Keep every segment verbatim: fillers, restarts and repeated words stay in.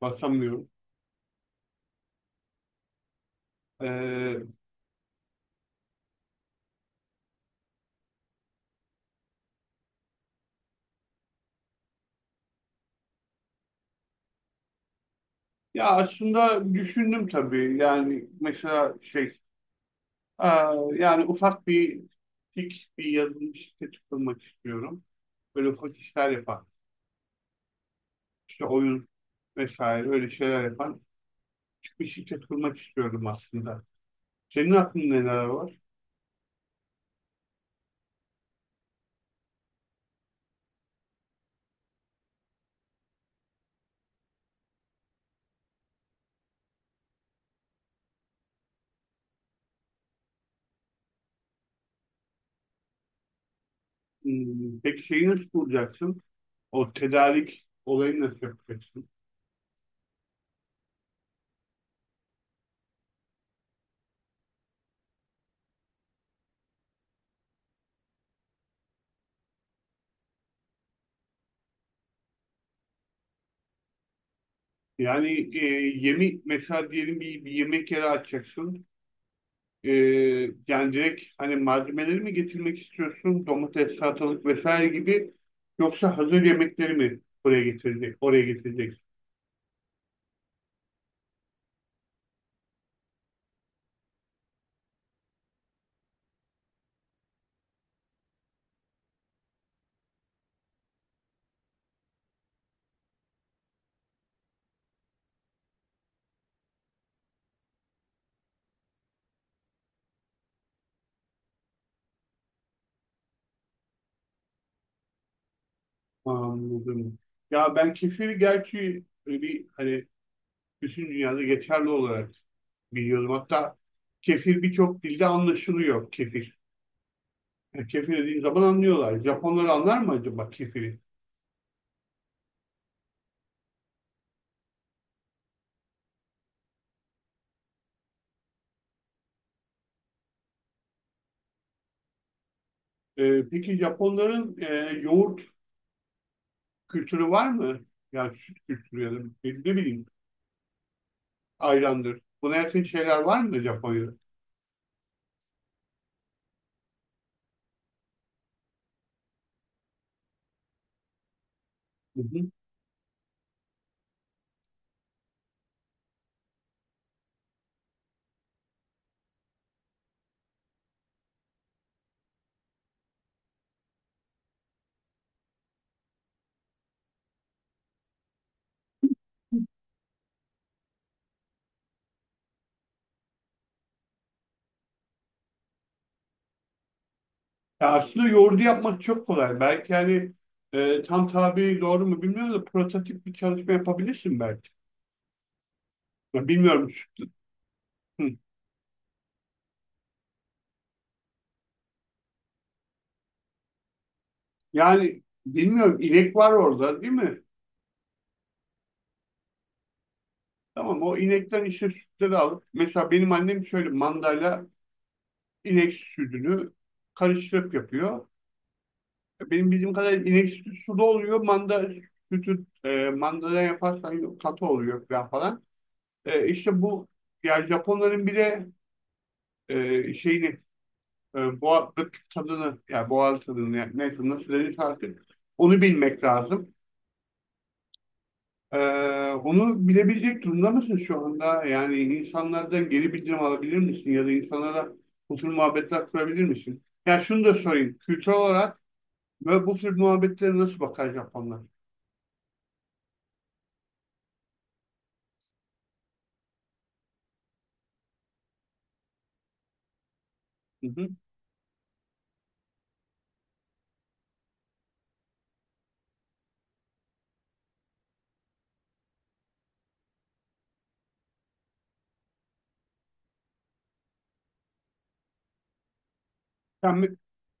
Basamıyorum. Ee, Ya aslında düşündüm tabii. Yani mesela şey, aa, yani ufak bir tik bir yazılım şirketi kurmak istiyorum. Böyle ufak işler yapan, işte oyun vesaire öyle şeyler yapan küçük bir şirket kurmak istiyorum aslında. Senin aklında neler var? Hmm, peki şeyi nasıl bulacaksın? O tedarik olayını nasıl yapacaksın? Yani e, yemi mesela diyelim bir, bir yemek yeri açacaksın. Ee, Yani direkt hani malzemeleri mi getirmek istiyorsun? Domates, salatalık vesaire gibi, yoksa hazır yemekleri mi buraya getirecek, oraya getireceksin. Anladım. Ya ben kefiri gerçi bir hani bütün dünyada geçerli olarak biliyorum. Hatta kefir birçok dilde anlaşılıyor kefir. Yani kefir dediğin zaman anlıyorlar. Japonlar anlar mı acaba kefiri? Ee, peki Japonların e, yoğurt kültürü var mı? Yani süt kültürü ya da ne bileyim. Ayrandır. Buna yakın şeyler var mı Japonya'da? Hı hı. Ya aslında yoğurdu yapmak çok kolay. Belki hani e, tam tabi doğru mu bilmiyorum da prototip bir çalışma yapabilirsin belki. Ya bilmiyorum. Hı. Yani bilmiyorum inek var orada değil mi? Tamam o inekten işte sütleri alıp mesela benim annem şöyle mandayla inek sütünü karıştırıp yapıyor. Benim bildiğim kadarıyla inek sütü sulu oluyor. Manda sütü, e, mandadan yaparsan katı oluyor falan falan. E, işte bu, yani Japonların bir de e, şeyini, e, boğazlık tadını yani boğaz tadını yani neyse nasıl denir artık onu bilmek lazım. E, Onu bilebilecek durumda mısın şu anda? Yani insanlardan geri bildirim alabilir misin ya da insanlara bu tür muhabbetler kurabilir misin? Ya şunu da sorayım. Kültürel olarak ve bu tür muhabbetlere nasıl bakar Japonlar? Hı hı. Yani me-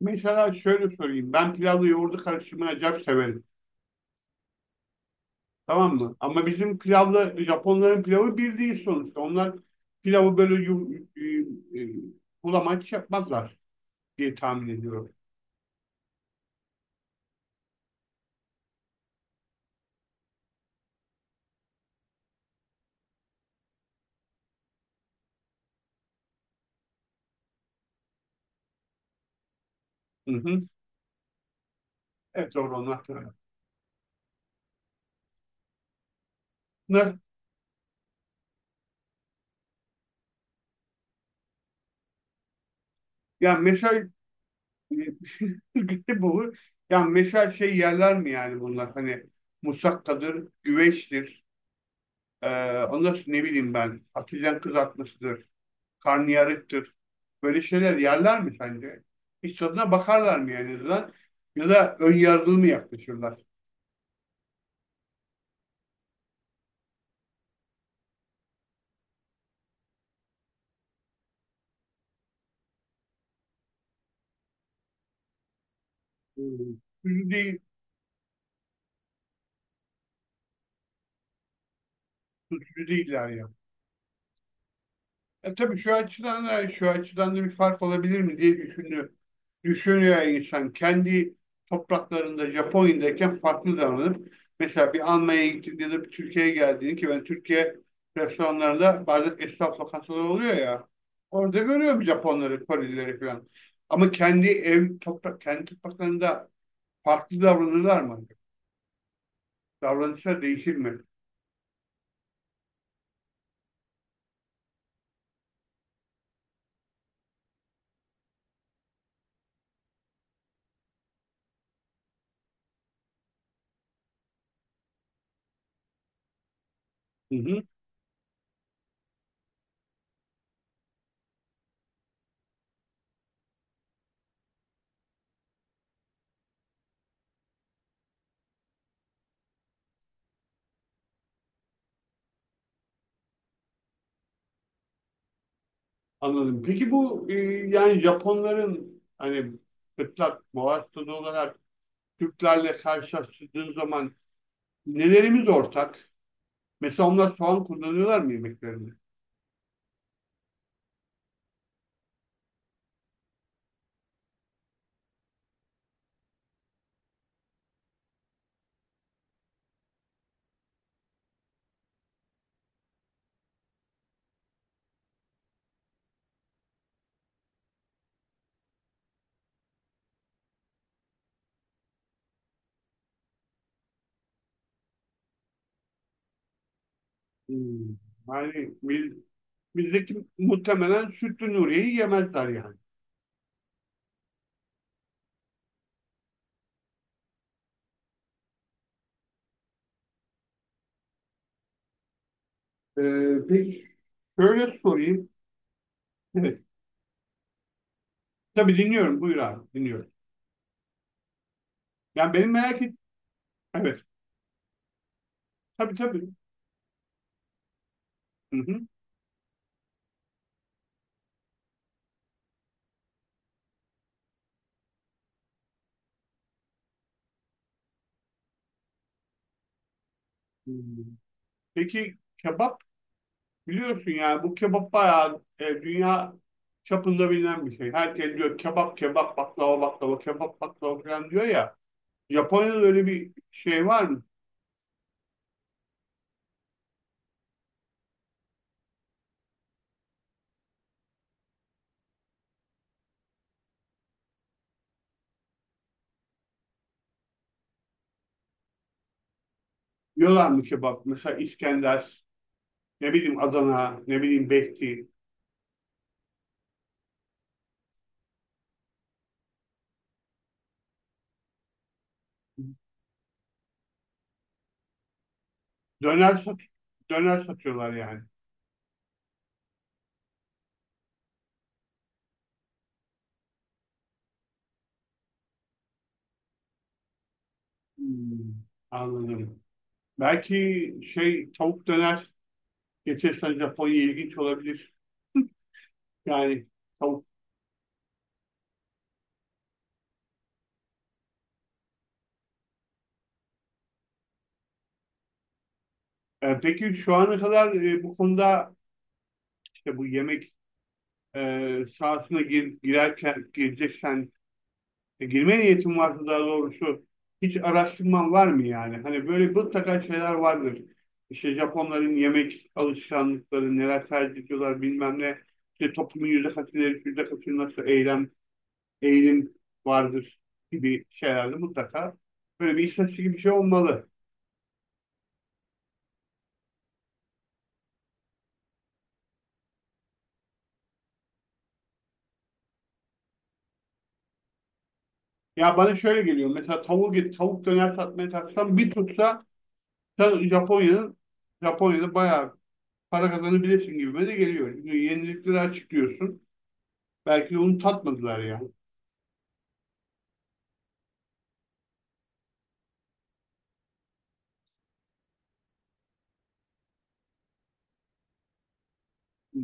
mesela şöyle sorayım. Ben pilavla yoğurdu karıştırmayı acayip severim. Tamam mı? Ama bizim pilavla Japonların pilavı bir değil sonuçta. Onlar pilavı böyle yum, e, e, bulamaç yapmazlar diye tahmin ediyorum. Hı hı. Evet doğru onlar. Ne? Ya meşal gitti olur. Ya meşal şey yerler mi yani bunlar? Hani musakkadır, güveçtir. Ee, Ondan sonra ne bileyim ben. Patlıcan kızartmasıdır, karnıyarıktır. Böyle şeyler yerler mi sence? Hiç tadına bakarlar mı yani en azından? Ya da ön yargılı mı yaklaşırlar? Hmm. Tutucu değil, tutucu değiller ya. E tabii şu açıdan da şu açıdan da bir fark olabilir mi diye düşünüyor. Düşünüyor insan. Kendi topraklarında Japonya'dayken farklı davranıp mesela bir Almanya'ya gittiğinde ya da bir Türkiye'ye geldiğinde, ki ben Türkiye restoranlarında bazen esnaf lokantaları oluyor ya. Orada görüyorum Japonları, Korelileri falan. Ama kendi ev toprak kendi topraklarında farklı davranırlar mı? Davranışlar değişir mi? Hı hı. Anladım. Peki bu, e, yani Japonların hani fıtrat, muvazzat olarak Türklerle karşılaştırdığın zaman nelerimiz ortak? Mesela onlar soğan kullanıyorlar mı yemeklerinde? Hmm. Yani biz, bizdeki muhtemelen sütlü Nuriye'yi yemezler yani. Ee, peki şöyle sorayım. Evet. Tabii dinliyorum. Buyur abi. Dinliyorum. Yani benim merak et. Evet. Tabii tabii. Hı hı. Hmm. Peki kebap. Biliyorsun yani bu kebap bayağı e, dünya çapında bilinen bir şey. Herkes diyor kebap kebap baklava baklava kebap baklava falan diyor ya. Japonya'da öyle bir şey var mı? Yiyorlar mı kebap? Mesela İskender, ne bileyim Adana, ne bileyim Behti. Döner, sat döner satıyorlar yani. Hmm, anladım. Belki şey tavuk döner geçersen Japonya ilginç olabilir. Yani tavuk. E, peki şu ana kadar e, bu konuda işte bu yemek e, sahasına gir- girerken gireceksen, e, girme niyetin varsa daha doğrusu, hiç araştırman var mı yani? Hani böyle mutlaka şeyler vardır. İşte Japonların yemek alışkanlıkları, neler tercih ediyorlar bilmem ne. İşte toplumun yüzde kaçı, yüzde kaçı nasıl eylem, eğilim vardır gibi şeylerde mutlaka böyle bir istatistik gibi bir şey olmalı. Ya bana şöyle geliyor. Mesela tavuk tavuk döner satmaya kalksam bir tutsa, sen Japonya'nın Japonya'da bayağı para kazanabilirsin gibime de geliyor. Çünkü yenilikleri açıklıyorsun. Belki de onu tatmadılar ya. Hı.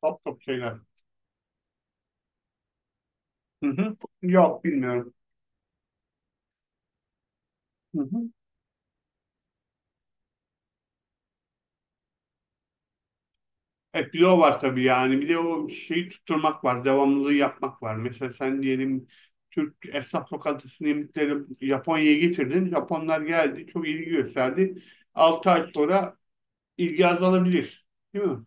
Top top şeyler. Hı hı. Yok bilmiyorum. Hı hı. E bir de o var tabii yani. Bir de o şeyi tutturmak var. Devamlılığı yapmak var. Mesela sen diyelim Türk esnaf lokantasının yemekleri Japonya'ya getirdin. Japonlar geldi. Çok ilgi gösterdi. Altı ay sonra ilgi azalabilir. Değil mi?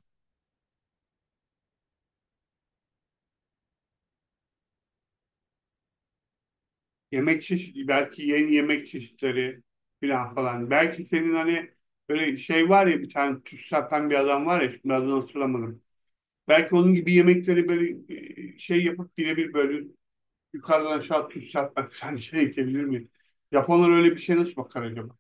Yemek çeşitli belki yeni yemek çeşitleri filan falan. Belki senin hani böyle şey var ya, bir tane tüs satan bir adam var ya, şimdi adını hatırlamadım. Belki onun gibi yemekleri böyle e, şey yapıp birebir böyle yukarıdan aşağı tüs satmak falan şey edebilir mi? Japonlar öyle bir şey nasıl bakar acaba?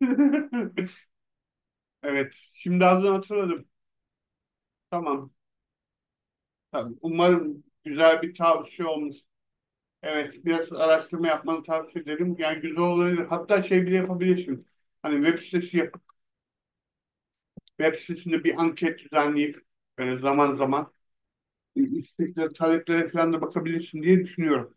Evet. Şimdi adını hatırladım. Tamam. Tamam. Umarım güzel bir tavsiye olmuş. Evet. Biraz araştırma yapmanı tavsiye ederim. Yani güzel olabilir. Hatta şey bile yapabilirsin. Hani web sitesi web sitesinde bir anket düzenleyip e, zaman zaman istekler, isteklere, taleplere falan da bakabilirsin diye düşünüyorum.